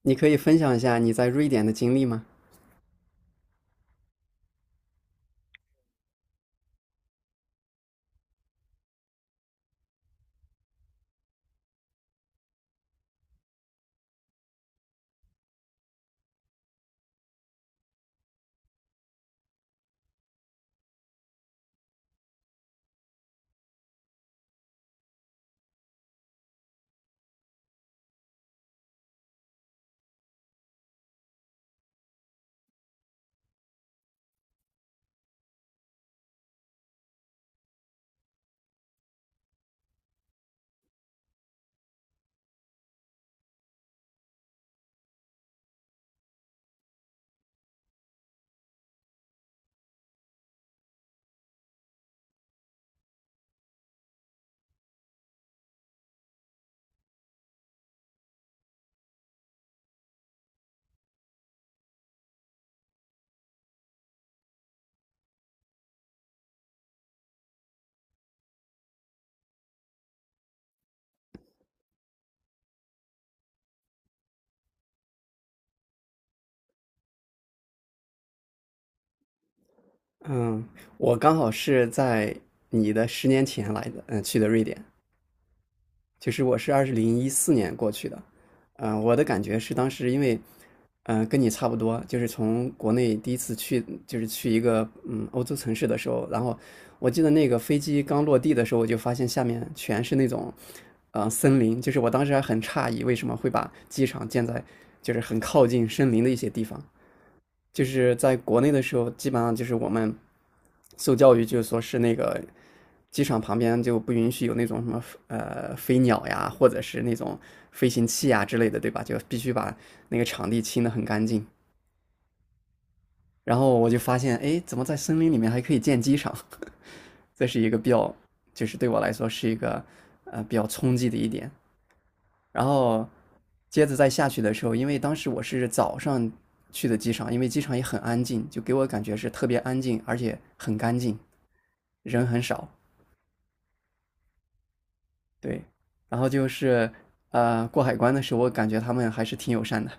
你可以分享一下你在瑞典的经历吗？嗯，我刚好是在你的10年前来的，去的瑞典。就是我是二0零一四年过去的，我的感觉是当时因为，跟你差不多，就是从国内第一次去，就是去一个欧洲城市的时候，然后我记得那个飞机刚落地的时候，我就发现下面全是那种，森林，就是我当时还很诧异为什么会把机场建在就是很靠近森林的一些地方，就是在国内的时候，基本上就是我们受教育就是说是那个机场旁边就不允许有那种什么飞鸟呀，或者是那种飞行器呀之类的，对吧？就必须把那个场地清得很干净。然后我就发现，哎，怎么在森林里面还可以建机场？这是一个比较，就是对我来说是一个比较冲击的一点。然后接着再下去的时候，因为当时我是早上去的机场，因为机场也很安静，就给我感觉是特别安静，而且很干净，人很少。对，然后就是过海关的时候，我感觉他们还是挺友善的。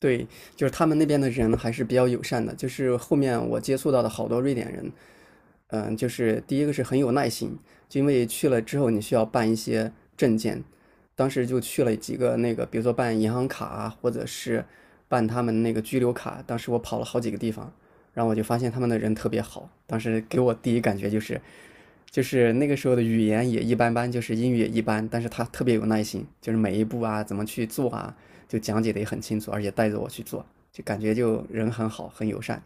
对，就是他们那边的人还是比较友善的，就是后面我接触到的好多瑞典人，嗯，就是第一个是很有耐心，就因为去了之后你需要办一些证件，当时就去了几个那个，比如说办银行卡啊，或者是办他们那个居留卡，当时我跑了好几个地方，然后我就发现他们的人特别好，当时给我第一感觉就是，就是那个时候的语言也一般般，就是英语也一般，但是他特别有耐心，就是每一步啊怎么去做啊，就讲解的也很清楚，而且带着我去做，就感觉就人很好，很友善。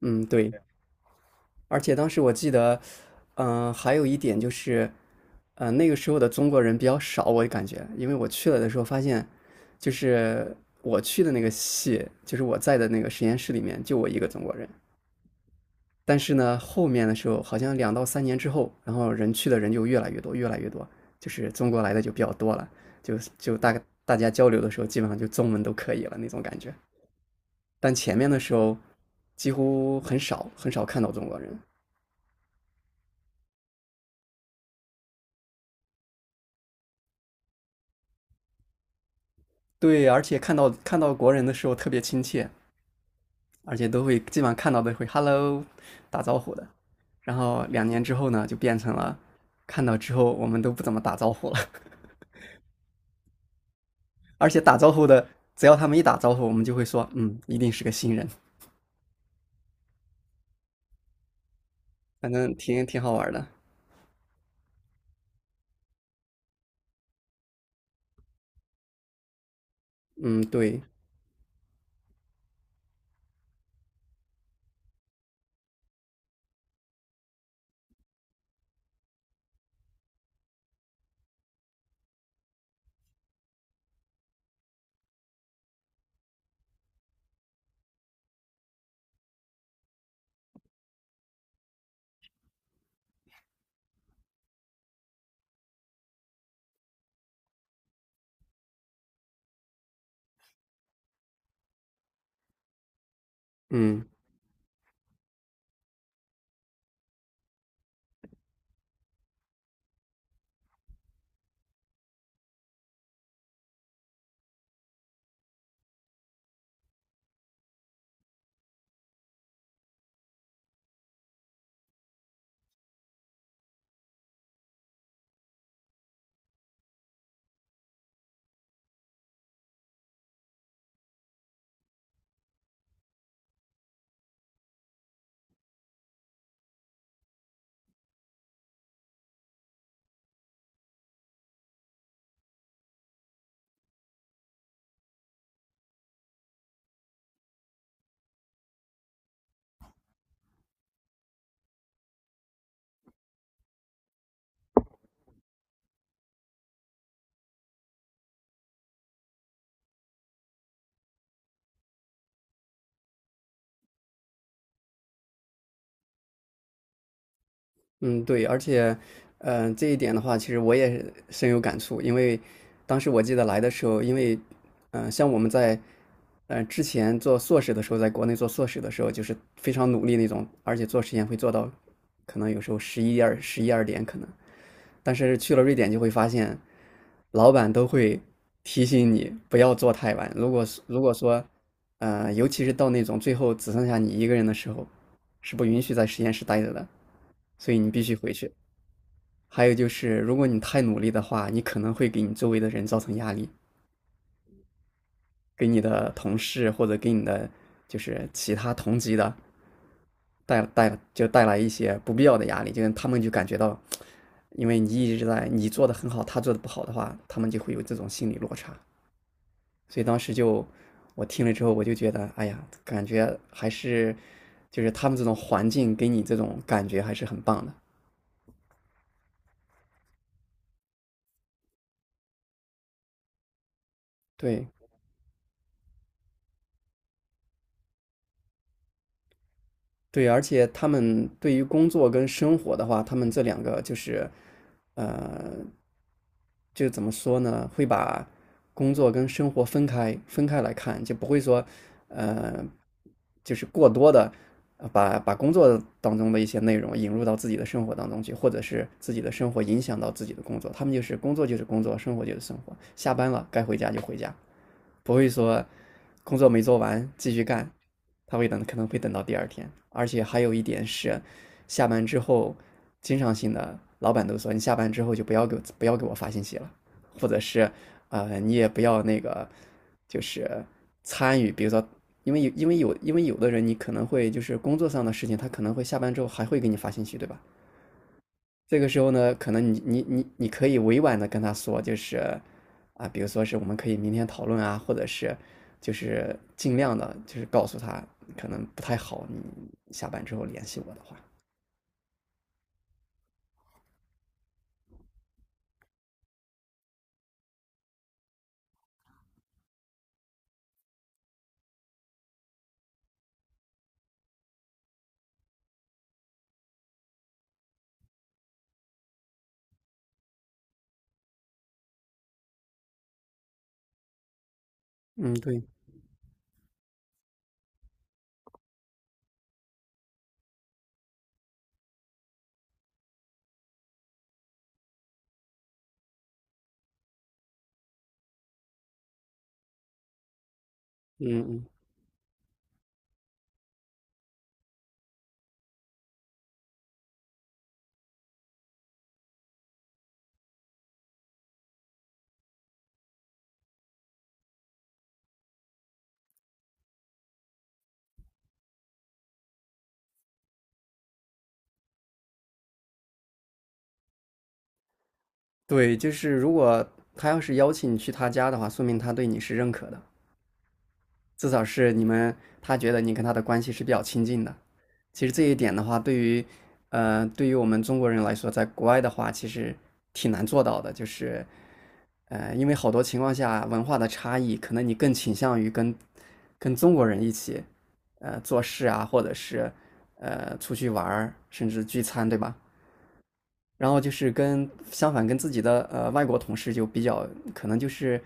嗯，对，而且当时我记得，还有一点就是，那个时候的中国人比较少，我感觉，因为我去了的时候发现，就是我去的那个系，就是我在的那个实验室里面就我一个中国人。但是呢，后面的时候好像2到3年之后，然后人去的人就越来越多，越来越多，就是中国来的就比较多了，就大概大家交流的时候，基本上就中文都可以了那种感觉。但前面的时候，几乎很少很少看到中国人，对，而且看到国人的时候特别亲切，而且都会基本上看到都会 “hello” 打招呼的。然后2年之后呢，就变成了看到之后我们都不怎么打招呼了，而且打招呼的，只要他们一打招呼，我们就会说，嗯，一定是个新人，反正挺好玩的。嗯，对，嗯，嗯，对，而且，这一点的话，其实我也是深有感触，因为当时我记得来的时候，因为，像我们在，之前做硕士的时候，在国内做硕士的时候，就是非常努力那种，而且做实验会做到，可能有时候十一二、十一二点可能，但是去了瑞典就会发现，老板都会提醒你不要做太晚，如果是如果说，尤其是到那种最后只剩下你一个人的时候，是不允许在实验室待着的，所以你必须回去。还有就是，如果你太努力的话，你可能会给你周围的人造成压力，给你的同事或者给你的就是其他同级的就带来一些不必要的压力，就他们就感觉到，因为你一直在你做的很好，他做的不好的话，他们就会有这种心理落差。所以当时就我听了之后，我就觉得，哎呀，感觉还是就是他们这种环境给你这种感觉还是很棒的。对，对，而且他们对于工作跟生活的话，他们这两个就是，呃，就怎么说呢？会把工作跟生活分开来看，就不会说，呃，就是过多的把工作当中的一些内容引入到自己的生活当中去，或者是自己的生活影响到自己的工作。他们就是工作就是工作，生活就是生活，下班了该回家就回家。不会说工作没做完继续干，他会等，可能会等到第二天。而且还有一点是，下班之后，经常性的老板都说你下班之后就不要给我发信息了，或者是你也不要那个就是参与，比如说。因为有的人你可能会就是工作上的事情，他可能会下班之后还会给你发信息，对吧？这个时候呢，可能你可以委婉的跟他说，就是啊，比如说是我们可以明天讨论啊，或者是就是尽量的，就是告诉他可能不太好，你下班之后联系我的话。嗯，对，嗯嗯，对，就是如果他要是邀请你去他家的话，说明他对你是认可的，至少是他觉得你跟他的关系是比较亲近的。其实这一点的话，对于对于我们中国人来说，在国外的话，其实挺难做到的，就是因为好多情况下文化的差异，可能你更倾向于跟中国人一起，做事啊，或者是出去玩儿，甚至聚餐，对吧？然后就是跟相反跟自己的外国同事就比较可能就是，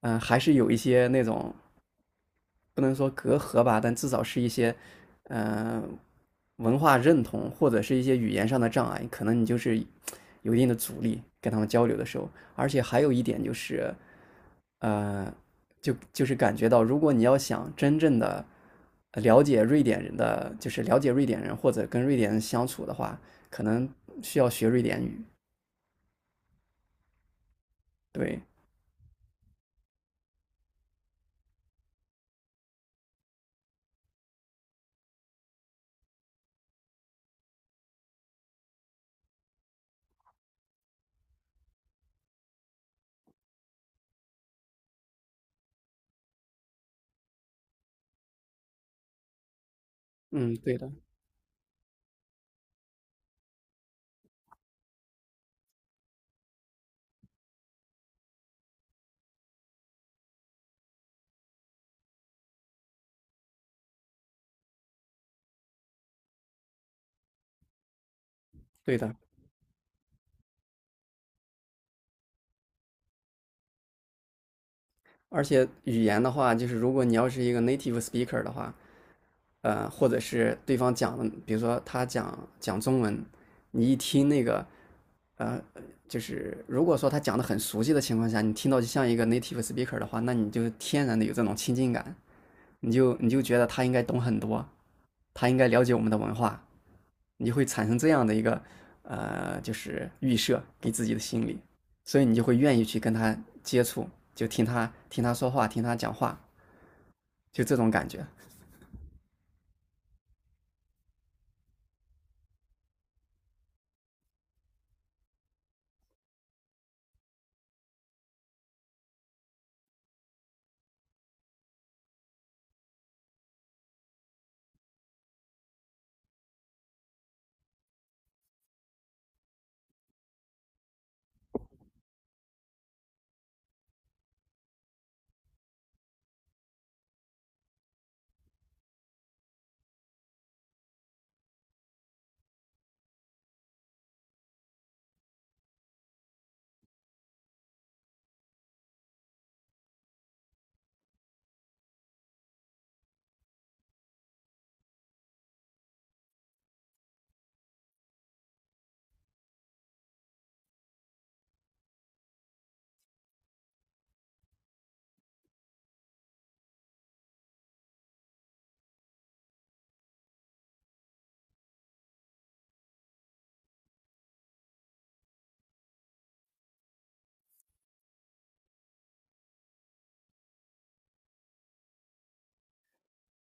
还是有一些那种不能说隔阂吧，但至少是一些呃文化认同或者是一些语言上的障碍，可能你就是有一定的阻力跟他们交流的时候，而且还有一点就是，呃，就是感觉到，如果你要想真正的了解瑞典人的，就是了解瑞典人或者跟瑞典人相处的话，可能需要学瑞典语。对，嗯，对的，对的。而且语言的话，就是如果你要是一个 native speaker 的话，或者是对方讲的，比如说他讲讲中文，你一听那个，呃，就是如果说他讲的很熟悉的情况下，你听到就像一个 native speaker 的话，那你就天然的有这种亲近感。你就觉得他应该懂很多，他应该了解我们的文化，你就会产生这样的一个就是预设给自己的心理，所以你就会愿意去跟他接触，就听他说话，听他讲话，就这种感觉，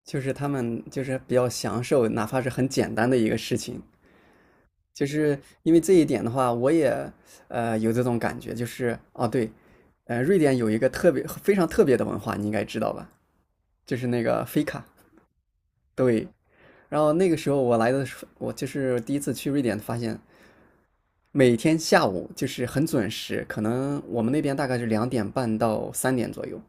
就是他们就是比较享受，哪怕是很简单的一个事情，就是因为这一点的话，我也有这种感觉，就是哦对，瑞典有一个特别非常特别的文化，你应该知道吧？就是那个飞卡，对，然后那个时候我来的时候，我就是第一次去瑞典，发现每天下午就是很准时，可能我们那边大概是两点半到三点左右，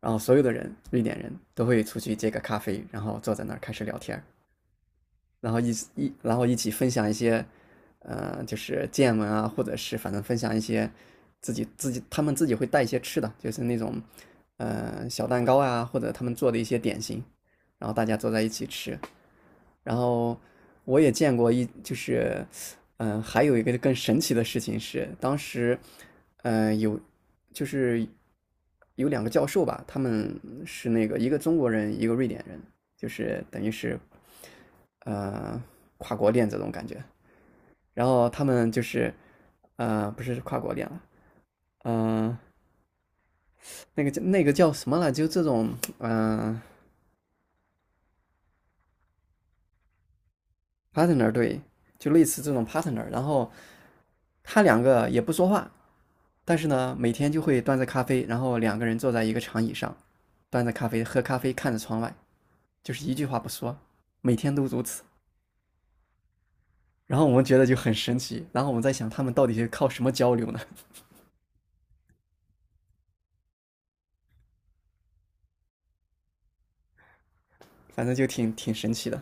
然后所有的人，瑞典人都会出去接个咖啡，然后坐在那儿开始聊天，然后然后一起分享一些，就是见闻啊，或者是反正分享一些自己自己他们自己会带一些吃的，就是那种小蛋糕啊，或者他们做的一些点心，然后大家坐在一起吃。然后我也见过一就是，嗯、呃还有一个更神奇的事情是，当时，有就是有两个教授吧，他们是那个一个中国人，一个瑞典人，就是等于是，呃，跨国恋这种感觉。然后他们就是，不是跨国恋了，嗯、那个叫什么了？就这种，嗯、p a r t n e r 对，就类似这种 partner。然后他两个也不说话，但是呢，每天就会端着咖啡，然后两个人坐在一个长椅上，端着咖啡喝咖啡，看着窗外，就是一句话不说，每天都如此。然后我们觉得就很神奇，然后我们在想他们到底是靠什么交流呢？反正就挺神奇的。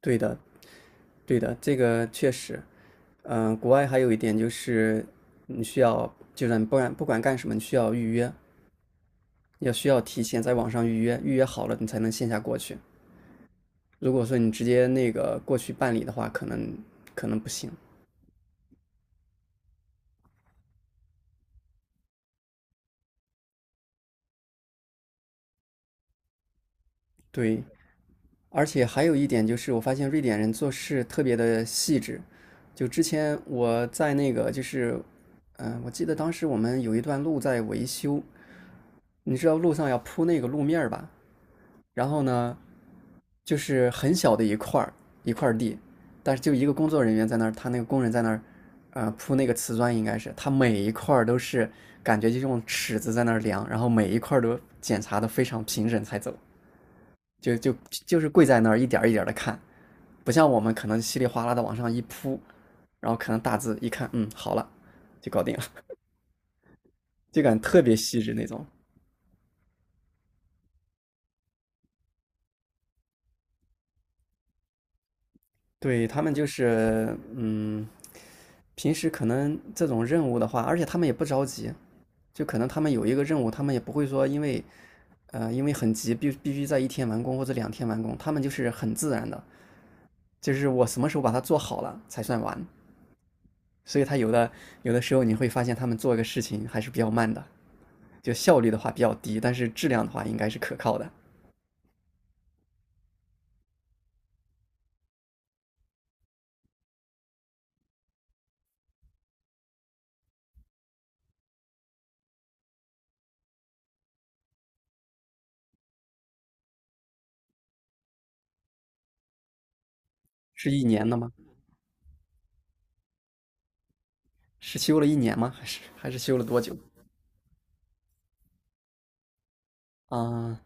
对的，对的，这个确实，国外还有一点就是你需要，就是你不管干什么，你需要预约，需要提前在网上预约，预约好了你才能线下过去。如果说你直接那个过去办理的话，可能不行。对，而且还有一点就是，我发现瑞典人做事特别的细致。就之前我在那个就是，我记得当时我们有一段路在维修，你知道路上要铺那个路面儿吧？然后呢，就是很小的一块地，但是就一个工作人员在那儿，他那个工人在那儿，铺那个瓷砖应该是，他每一块都是感觉就用尺子在那儿量，然后每一块都检查的非常平整才走，就就就是跪在那儿一点一点的看，不像我们可能稀里哗啦的往上一铺，然后可能大字一看，嗯，好了，就搞定了，就感觉特别细致那种。对，他们就是，嗯，平时可能这种任务的话，而且他们也不着急，就可能他们有一个任务，他们也不会说因为，因为很急，必须在一天完工或者两天完工，他们就是很自然的，就是我什么时候把它做好了才算完。所以他有的时候你会发现他们做一个事情还是比较慢的，就效率的话比较低，但是质量的话应该是可靠的。是一年的吗？是修了一年吗？还是修了多久？啊、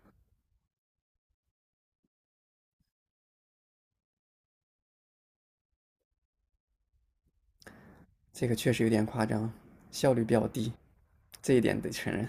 这个确实有点夸张，效率比较低，这一点得承认。